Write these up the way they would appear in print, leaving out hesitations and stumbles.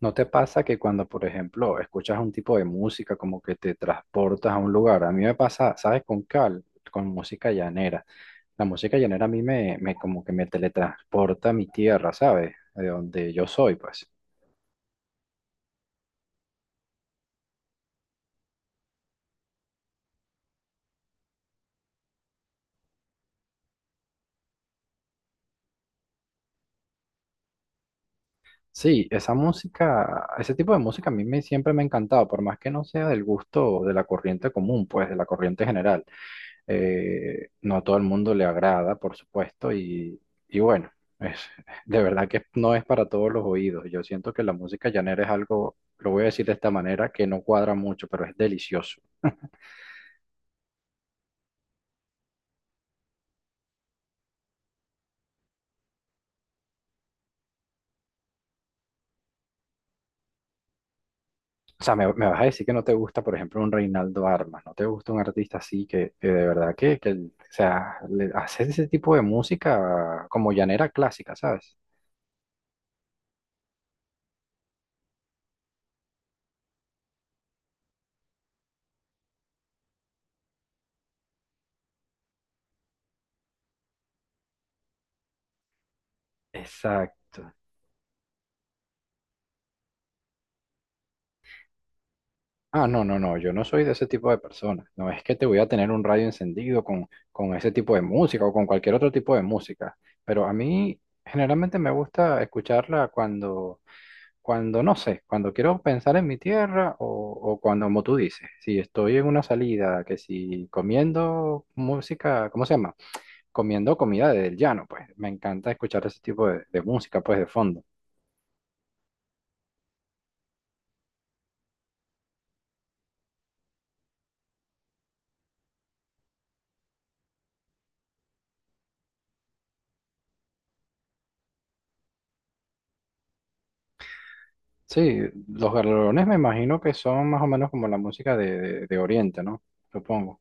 ¿No te pasa que cuando, por ejemplo, escuchas un tipo de música, como que te transportas a un lugar? A mí me pasa, ¿sabes? Con cal, con música llanera. La música llanera a mí me como que me teletransporta a mi tierra, ¿sabes? De donde yo soy, pues. Sí, esa música, ese tipo de música a mí me, siempre me ha encantado, por más que no sea del gusto de la corriente común, pues de la corriente general. No a todo el mundo le agrada, por supuesto, y bueno, es, de verdad que no es para todos los oídos. Yo siento que la música llanera es algo, lo voy a decir de esta manera, que no cuadra mucho, pero es delicioso. O sea, me vas a decir que no te gusta, por ejemplo, un Reinaldo Armas, no te gusta un artista así que de verdad que, o sea, le- hace ese tipo de música como llanera clásica, ¿sabes? Exacto. Ah, no, no, no, yo no soy de ese tipo de personas. No es que te voy a tener un radio encendido con ese tipo de música o con cualquier otro tipo de música, pero a mí generalmente me gusta escucharla cuando. Cuando no sé, cuando quiero pensar en mi tierra o cuando, como tú dices, si estoy en una salida, que si comiendo música, ¿cómo se llama? Comiendo comida del llano, pues me encanta escuchar ese tipo de música, pues de fondo. Sí, los galerones me imagino que son más o menos como la música de Oriente, ¿no? Supongo.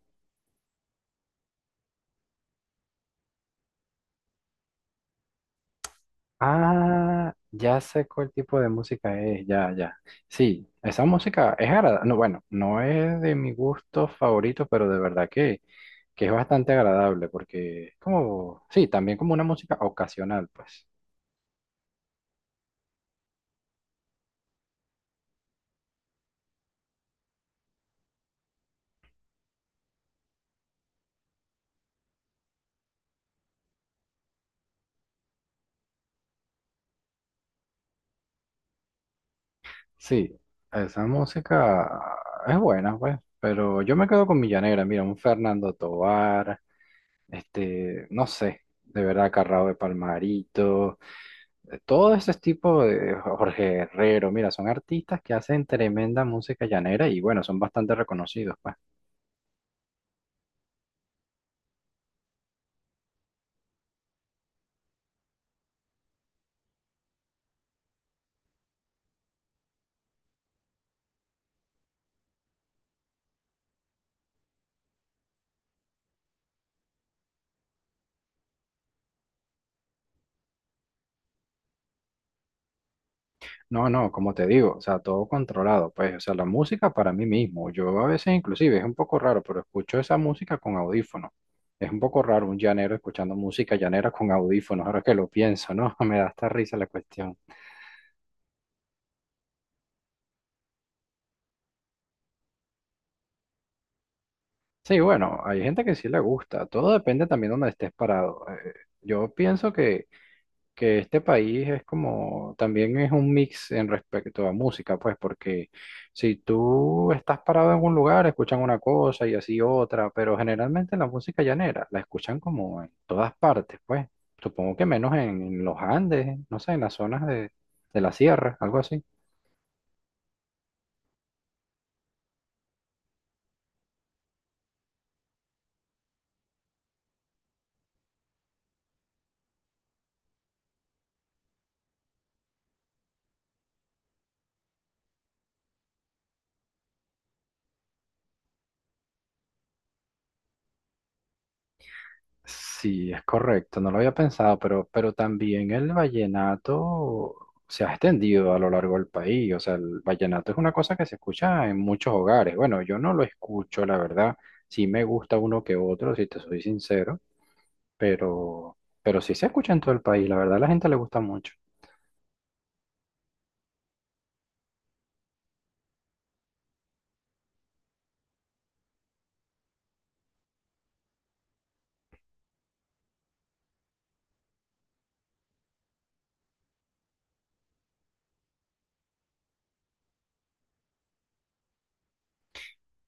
Ah, ya sé cuál tipo de música es, ya, ya. Sí, esa música es agradable. No, bueno, no es de mi gusto favorito, pero de verdad que es bastante agradable porque es como, sí, también como una música ocasional, pues. Sí, esa música es buena, pues, pero yo me quedo con Millanera, mira, un Fernando Tovar, este, no sé, de verdad, Carrao de Palmarito. Todo ese tipo de Jorge Herrero, mira, son artistas que hacen tremenda música llanera y bueno, son bastante reconocidos, pues. No, no, como te digo, o sea, todo controlado, pues, o sea, la música para mí mismo. Yo a veces inclusive es un poco raro, pero escucho esa música con audífono. Es un poco raro un llanero escuchando música llanera con audífonos, ahora que lo pienso, ¿no? Me da hasta risa la cuestión. Sí, bueno, hay gente que sí le gusta, todo depende también de donde estés parado. Yo pienso que este país es como, también es un mix en respecto a música, pues, porque si tú estás parado en un lugar, escuchan una cosa y así otra, pero generalmente la música llanera la escuchan como en todas partes, pues, supongo que menos en los Andes, no sé, en las zonas de la sierra, algo así. Sí, es correcto, no lo había pensado, pero también el vallenato se ha extendido a lo largo del país, o sea, el vallenato es una cosa que se escucha en muchos hogares. Bueno, yo no lo escucho, la verdad, sí me gusta uno que otro, si te soy sincero, pero, pero sí se escucha en todo el país, la verdad, a la gente le gusta mucho.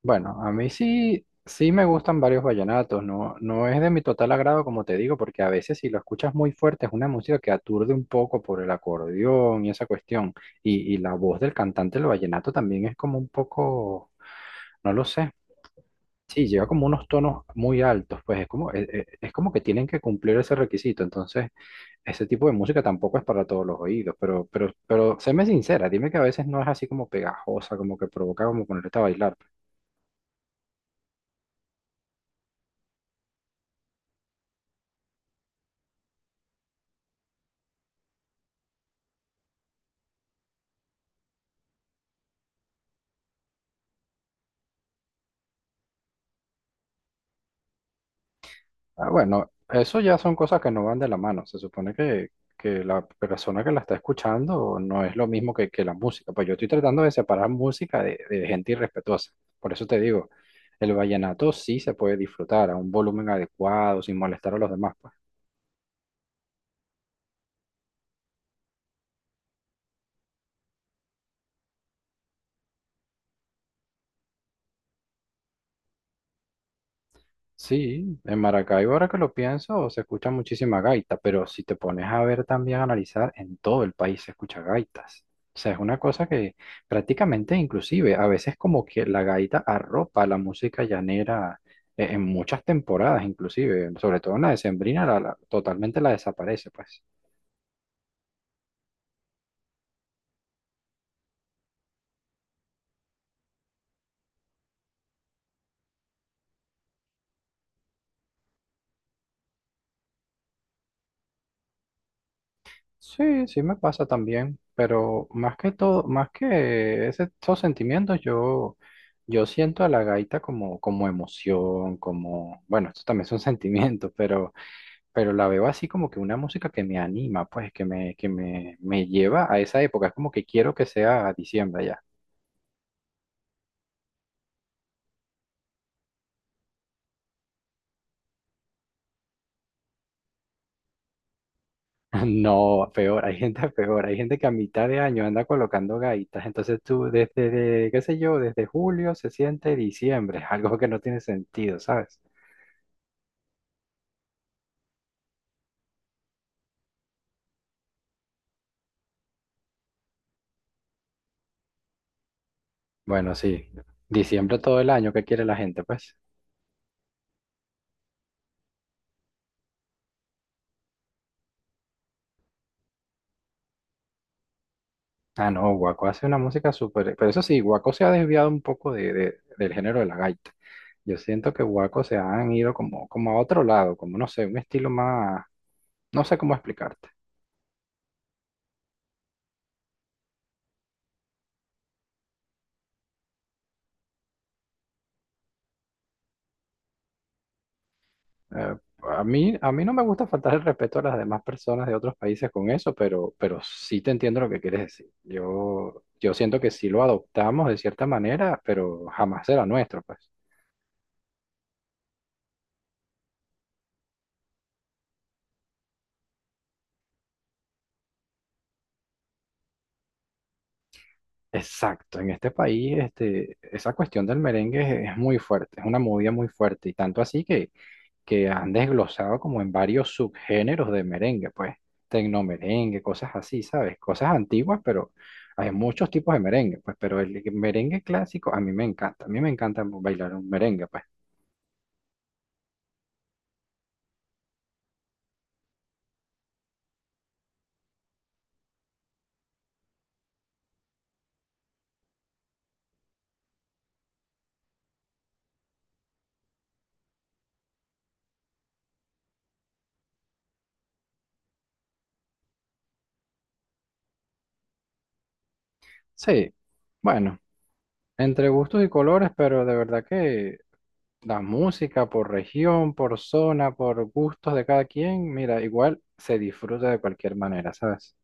Bueno, a mí sí, sí me gustan varios vallenatos, no, no es de mi total agrado, como te digo, porque a veces si lo escuchas muy fuerte es una música que aturde un poco por el acordeón y esa cuestión, y la voz del cantante del vallenato también es como un poco, no lo sé, sí, lleva como unos tonos muy altos, pues es como que tienen que cumplir ese requisito, entonces ese tipo de música tampoco es para todos los oídos, pero séme sincera, dime que a veces no es así como pegajosa, como que provoca como ponerte a bailar. Ah, bueno, eso ya son cosas que no van de la mano. Se supone que la persona que la está escuchando no es lo mismo que la música. Pues yo estoy tratando de separar música de gente irrespetuosa. Por eso te digo, el vallenato sí se puede disfrutar a un volumen adecuado, sin molestar a los demás, pues. Sí, en Maracaibo, ahora que lo pienso, se escucha muchísima gaita, pero si te pones a ver también, a analizar, en todo el país se escucha gaitas. O sea, es una cosa que prácticamente, inclusive, a veces como que la gaita arropa la música llanera, en muchas temporadas, inclusive, sobre todo en la decembrina, la- la- totalmente la desaparece, pues. Sí, sí me pasa también, pero más que todo, más que ese- esos sentimientos, yo siento a la gaita como, como emoción, como, bueno, esto también son sentimientos, pero la veo así como que una música que me anima, pues, que me lleva a esa época, es como que quiero que sea diciembre ya. No, peor, hay gente peor, hay gente que a mitad de año anda colocando gaitas, entonces tú desde, de- qué sé yo, desde julio se siente diciembre, algo que no tiene sentido, ¿sabes? Bueno, sí. Diciembre todo el año, ¿qué quiere la gente, pues? Ah, no, Guaco hace una música súper... Pero eso sí, Guaco se ha desviado un poco de- del género de la gaita. Yo siento que Guaco se han ido como, como a otro lado, como no sé, un estilo más... No sé cómo explicarte. Eh, a mí, a mí no me gusta faltar el respeto a las demás personas de otros países con eso, pero sí te entiendo lo que quieres decir. Yo siento que sí lo adoptamos de cierta manera, pero jamás será nuestro, pues. Exacto, en este país este, esa cuestión del merengue es muy fuerte, es una movida muy fuerte y tanto así que han desglosado como en varios subgéneros de merengue, pues tecnomerengue, cosas así, ¿sabes? Cosas antiguas, pero hay muchos tipos de merengue, pues pero el merengue clásico a mí me encanta, a mí me encanta bailar un merengue, pues sí, bueno, entre gustos y colores, pero de verdad que la música por región, por zona, por gustos de cada quien, mira, igual se disfruta de cualquier manera, ¿sabes?